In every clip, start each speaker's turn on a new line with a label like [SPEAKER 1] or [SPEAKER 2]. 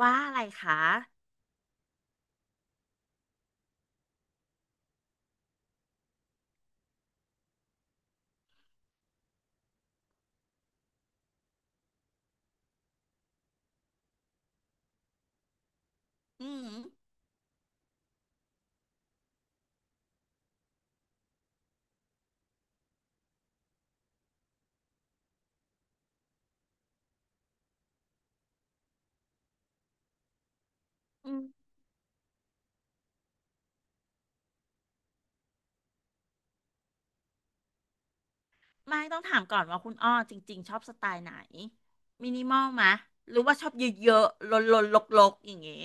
[SPEAKER 1] ว่าอะไรคะอืมอืมไม่ต้องถามก่อนว่าคุณอ้อจริงๆชอบสไตล์ไหน มินิมอลมะ หรือว่าชอบเยอะๆลนๆลกๆอย่างเงี้ย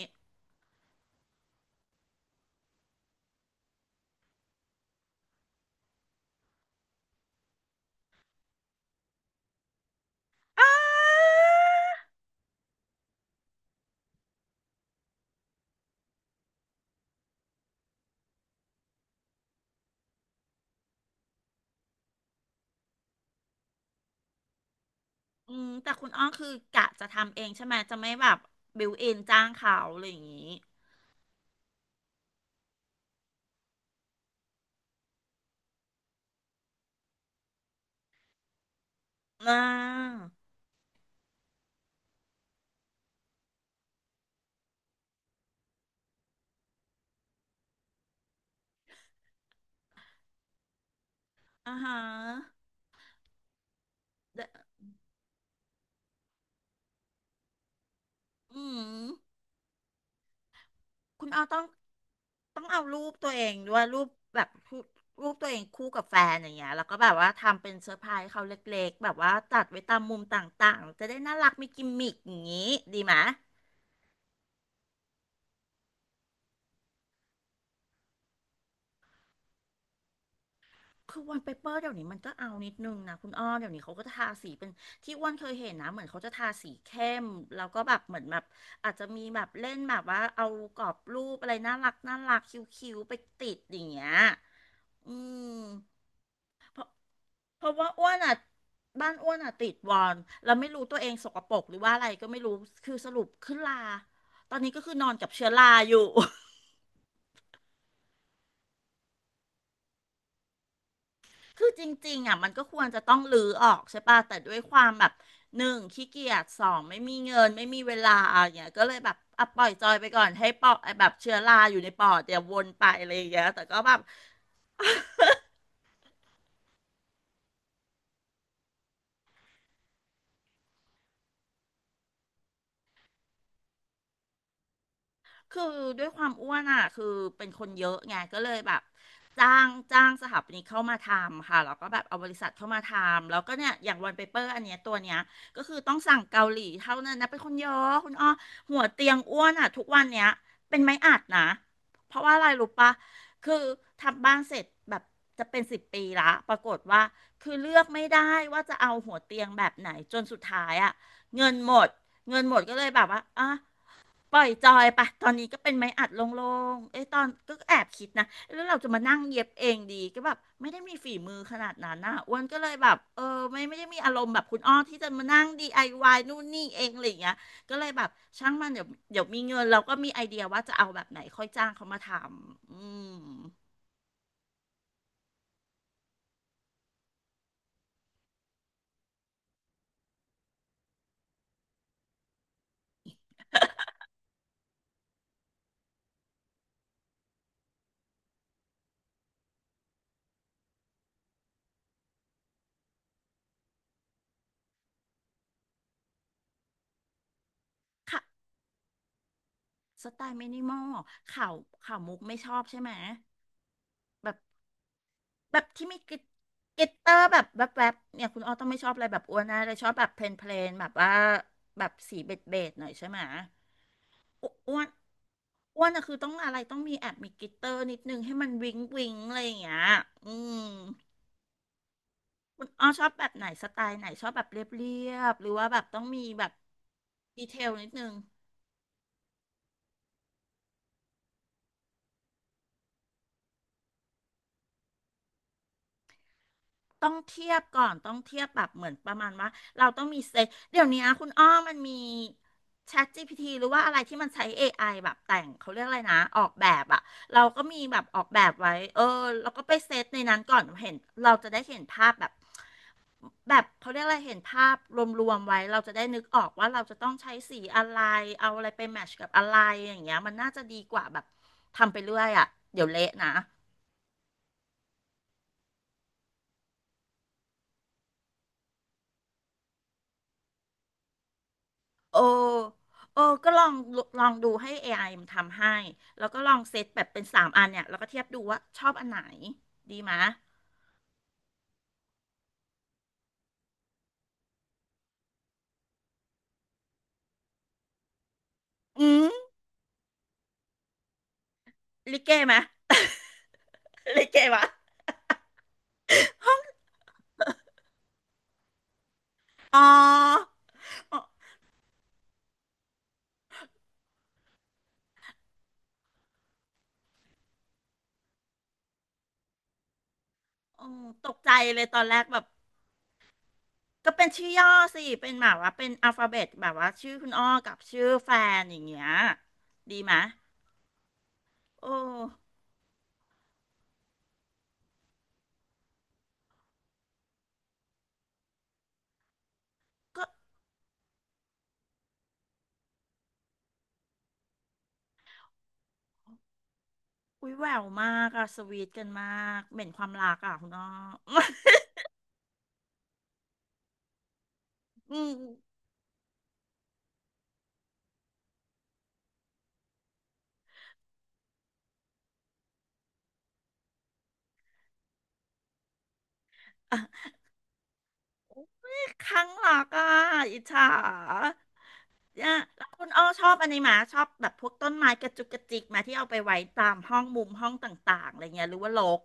[SPEAKER 1] อาอืมแต่คุณอ้อคือกะจะทำเองใช่ไหมจะไม่แบบบิวเอนจ้างเขาอะไรอย่างงี้อ่าอ่าฮะเดะอืม คุณเอาต้องเอารูปตัวเองด้วยรูปแบบรูปตัวเองคู่กับแฟนอย่างเงี้ยแล้วก็แบบว่าทำเป็นเซอร์ไพรส์เขาเล็กๆแบบว่าตัดไว้ตามมุมต่างๆจะได้น่ารักมีกิมมิคอย่างงี้ดีไหมคือวันเปเปอร์เดี๋ยวนี้มันก็เอานิดนึงนะคุณอ้อเดี๋ยวนี้เขาก็ทาสีเป็นที่อ้วนเคยเห็นนะเหมือนเขาจะทาสีเข้มแล้วก็แบบเหมือนแบบอาจจะมีแบบเล่นแบบว่าเอากรอบรูปอะไรน่ารักน่ารักคิ้วๆไปติดอย่างเงี้ยอืม เพราะว่าอ้วนอ่ะบ้านอ้วนอ่ะติดวอนแล้วไม่รู้ตัวเองสกปรกหรือว่าอะไรก็ไม่รู้คือสรุปขึ้นลาตอนนี้ก็คือนอนกับเชื้อราอยู่ คือจริงๆอ่ะมันก็ควรจะต้องรื้อออกใช่ป่ะแต่ด้วยความแบบหนึ่งขี้เกียจสองไม่มีเงินไม่มีเวลาอย่างเงี้ยก็เลยแบบอ่ะปล่อยจอยไปก่อนให้ปอดแบบเชื้อราอยู่ในปอดเดี๋ยววนไปอะไรอย่างเงี้ยแต่ก็แบบ คือด้วยความอ้วนอ่ะคือเป็นคนเยอะไงก็เลยแบบจ้างสถาปนิกเข้ามาทำค่ะแล้วก็แบบเอาบริษัทเข้ามาทำแล้วก็เนี่ยอย่างวันเปเปอร์อันเนี้ยตัวเนี้ยก็คือต้องสั่งเกาหลีเท่านั้นนะเป็นคนเยอะคุณอ้อหัวเตียงอ้วนอ่ะทุกวันเนี้ยเป็นไม้อัดนะเพราะว่าอะไรรู้ปะคือทำบ้านเสร็จแบบจะเป็นสิบปีละปรากฏว่าคือเลือกไม่ได้ว่าจะเอาหัวเตียงแบบไหนจนสุดท้ายอ่ะเงินหมดก็เลยแบบว่าอ่ะ ปล่อยจอยปะตอนนี้ก็เป็นไม้อัดโล่งๆเอ้ยตอนก็แอบคิดนะแล้วเราจะมานั่งเย็บเองดีก็แบบไม่ได้มีฝีมือขนาดนั้นนะอ้วนก็เลยแบบเออไม่ได้มีอารมณ์แบบคุณอ้อที่จะมานั่งดีไอวายนู่นนี่เองอะไรอย่างเงี้ยก็เลยแบบช่างมันเดี๋ยวมีเงินเราก็มีไอเดียว่าจะเอาแบบไหนค่อยจ้างเขามาทำมค่ะสไตล์มินิมอลข่าวข่าวมุกไม่ชอบใช่ไหมแบบ แบบที่มีกลิตกลิตเตอร์แบบแวบๆเนี่ยคุณอ้อต้องไม่ชอบอะไรแบบอ้วนนะเลยชอบแบบเพลนเพลนแบบว่าแบบสีเบจเบจหน่อยใช่ไหมออ้วนอะคือต้องอะไรต้องมีแอบมีกลิตเตอร์นิดนึงให้มันวิงวิงอะไรอย่างเงี้ยอืมคุณอ้อชอบแบบไหนสไตล์ไหนชอบแบบเรียบเรียบหรือว่าแบบต้องมีแบบดีเทลนิดนึง ต้องเทียบก่อนต้องเทียบแบบเหมือนประมาณว่าเราต้องมีเซตเดี๋ยวนี้คุณอ้อมันมี c h a พ g p t หรือว่าอะไรที่มันใช้ AI แบบแต่งเขาเรียกอะไรนะออกแบบอะเราก็มีแบบออกแบบไว้เออเราก็ไปเซตในนั้นก่อนเห็นเราจะได้เห็นภาพแบบแบบเขาเรียกอะไรเห็นภาพรวมๆไว้เราจะได้นึกออกว่าเราจะต้องใช้สีอะไรเอาอะไรไปแมทช์กับอะไรอย่างเงี้ยมันน่าจะดีกว่าแบบทำไปเรื่อยอะเดี๋ยวเละนะ โอ้ โอ้ ก็ลอง ลองดูให้ AI มันทำให้ แล้วก็ลองเซตแบบเป็นสามอันเนี่ย แล้วก็เทียบดูว่าชอบอันไหน ดีไหมะอืมลิเก้ไหมะ ลิเก้วะอ๋ออ๋อตกใจเลยตอนแรกแบบก็เป็นชื่อย่อสิ เป็นแบบว่าเป็นอัลฟาเบตแบบว่าชื่อคุณอ้อกับชื่อแฟนอย่างเงี้ย ดีไหมะโอ้ ก็อุ้ยแหววมากอะสวีทกันมาก เหม็นความรักอะคุณอ้อ อืม ครั้งหลอกอ่ะอิจฉาเนี่ยแล้วคุณอ้อชอบอันนี้ไหมาชอบแบบพวกต้นไม้กระจุกกระจิกมาที่เอาไปไว้ตามห้องมุมห้องต่างๆอะไรเงี้ยหรือว่ารก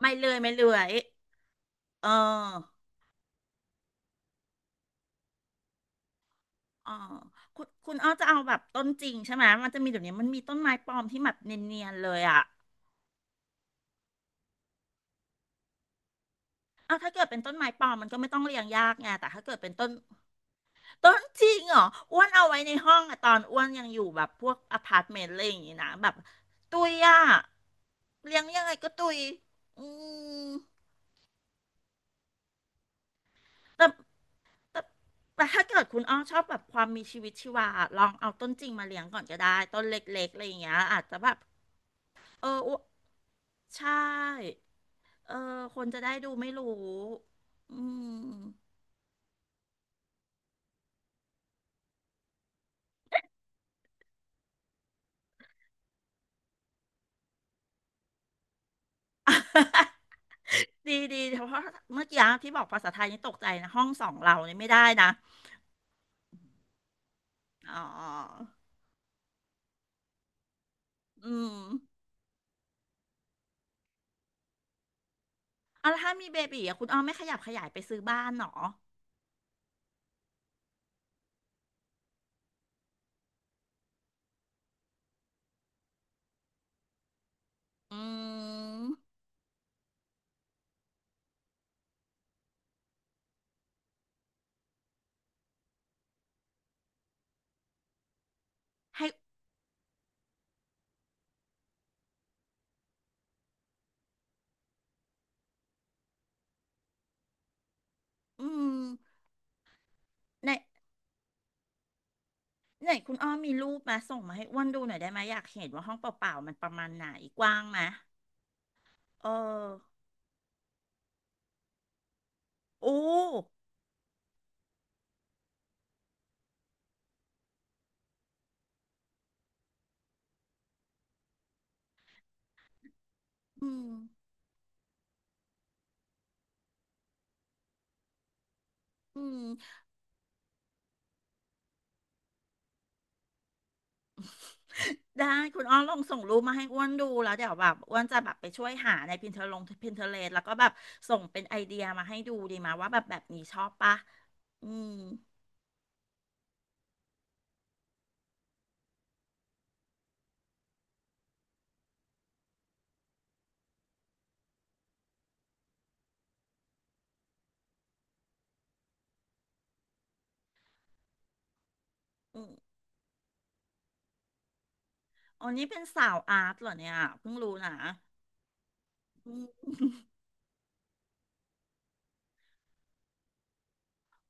[SPEAKER 1] ไม่เลื่อยเอออออคุณอ้อจะเอาแบบต้นจริงใช่ไหมมันจะมีเดี๋ยวนี้มันมีต้นไม้ปลอมที่แบบเนียนๆเลยอ่ะเอาถ้าเกิดเป็นต้นไม้ปลอมมันก็ไม่ต้องเรียงยากไงแต่ถ้าเกิดเป็นต้นจริงเหรออ้วนเอาไว้ในห้องอะตอนอ้วนยังอยู่แบบพวกอพาร์ตเมนต์อะไรอย่างงี้นะแบบตุยอ่ะ เลี้ยงยังไงก็ตุยอืมแต่ แต่ ถ้าเกิดคุณอ้อชอบแบบความมีชีวิตชีวาลองเอาต้นจริงมาเลี้ยงก่อนก็ได้ต้นเล็กๆอะไรอย่างเงี้ยอาจจะแบบเอออ้วใช่ เออ คนจะได้ดูไม่รู้อืม ดีดีเพราะเมื่อกี้ที่บอกภาษาไทยนี่ตกใจนะห้องสองเราเนี่ยไม่ได้นะอ๋ออืมเอาแล้วถ้ามีเบบีอ่ะคุณอ้อมไม่ขยับขยายไปซื้อบ้านเหรออืมให้อืมใน ไหนคุณอ้อมีรูปมาส่งมาให้อ้วนดูหน่อยได้ไหมอยากเห็นว่าห้องเปล่าๆมันประมาณไหนกว้างไหมเออโอ้อืมอืมได้คุณอ้อลองส่งรูปมาให้อ้วนดูแล้วเดี๋ยวแบบอ้วนจะแบบไปช่วยหาใน Pinterest แล้วก็แบบส่งเป็นไอเดียมาให้ดูดีไหมาว่าแบบแบบนี้ชอบปะอืมอืมอันนี้เป็นสาวอาร์ตเหรอเนี่ยเพิ่งรู้นะอืม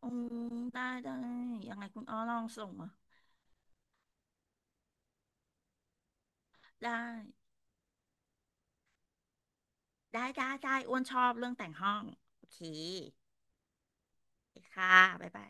[SPEAKER 1] อืมได้ได้ยังไงคุณอ้อลองส่งมาได้ ได้อ้วนชอบเรื่องแต่งห้องโอเคค่ะบ๊ายบาย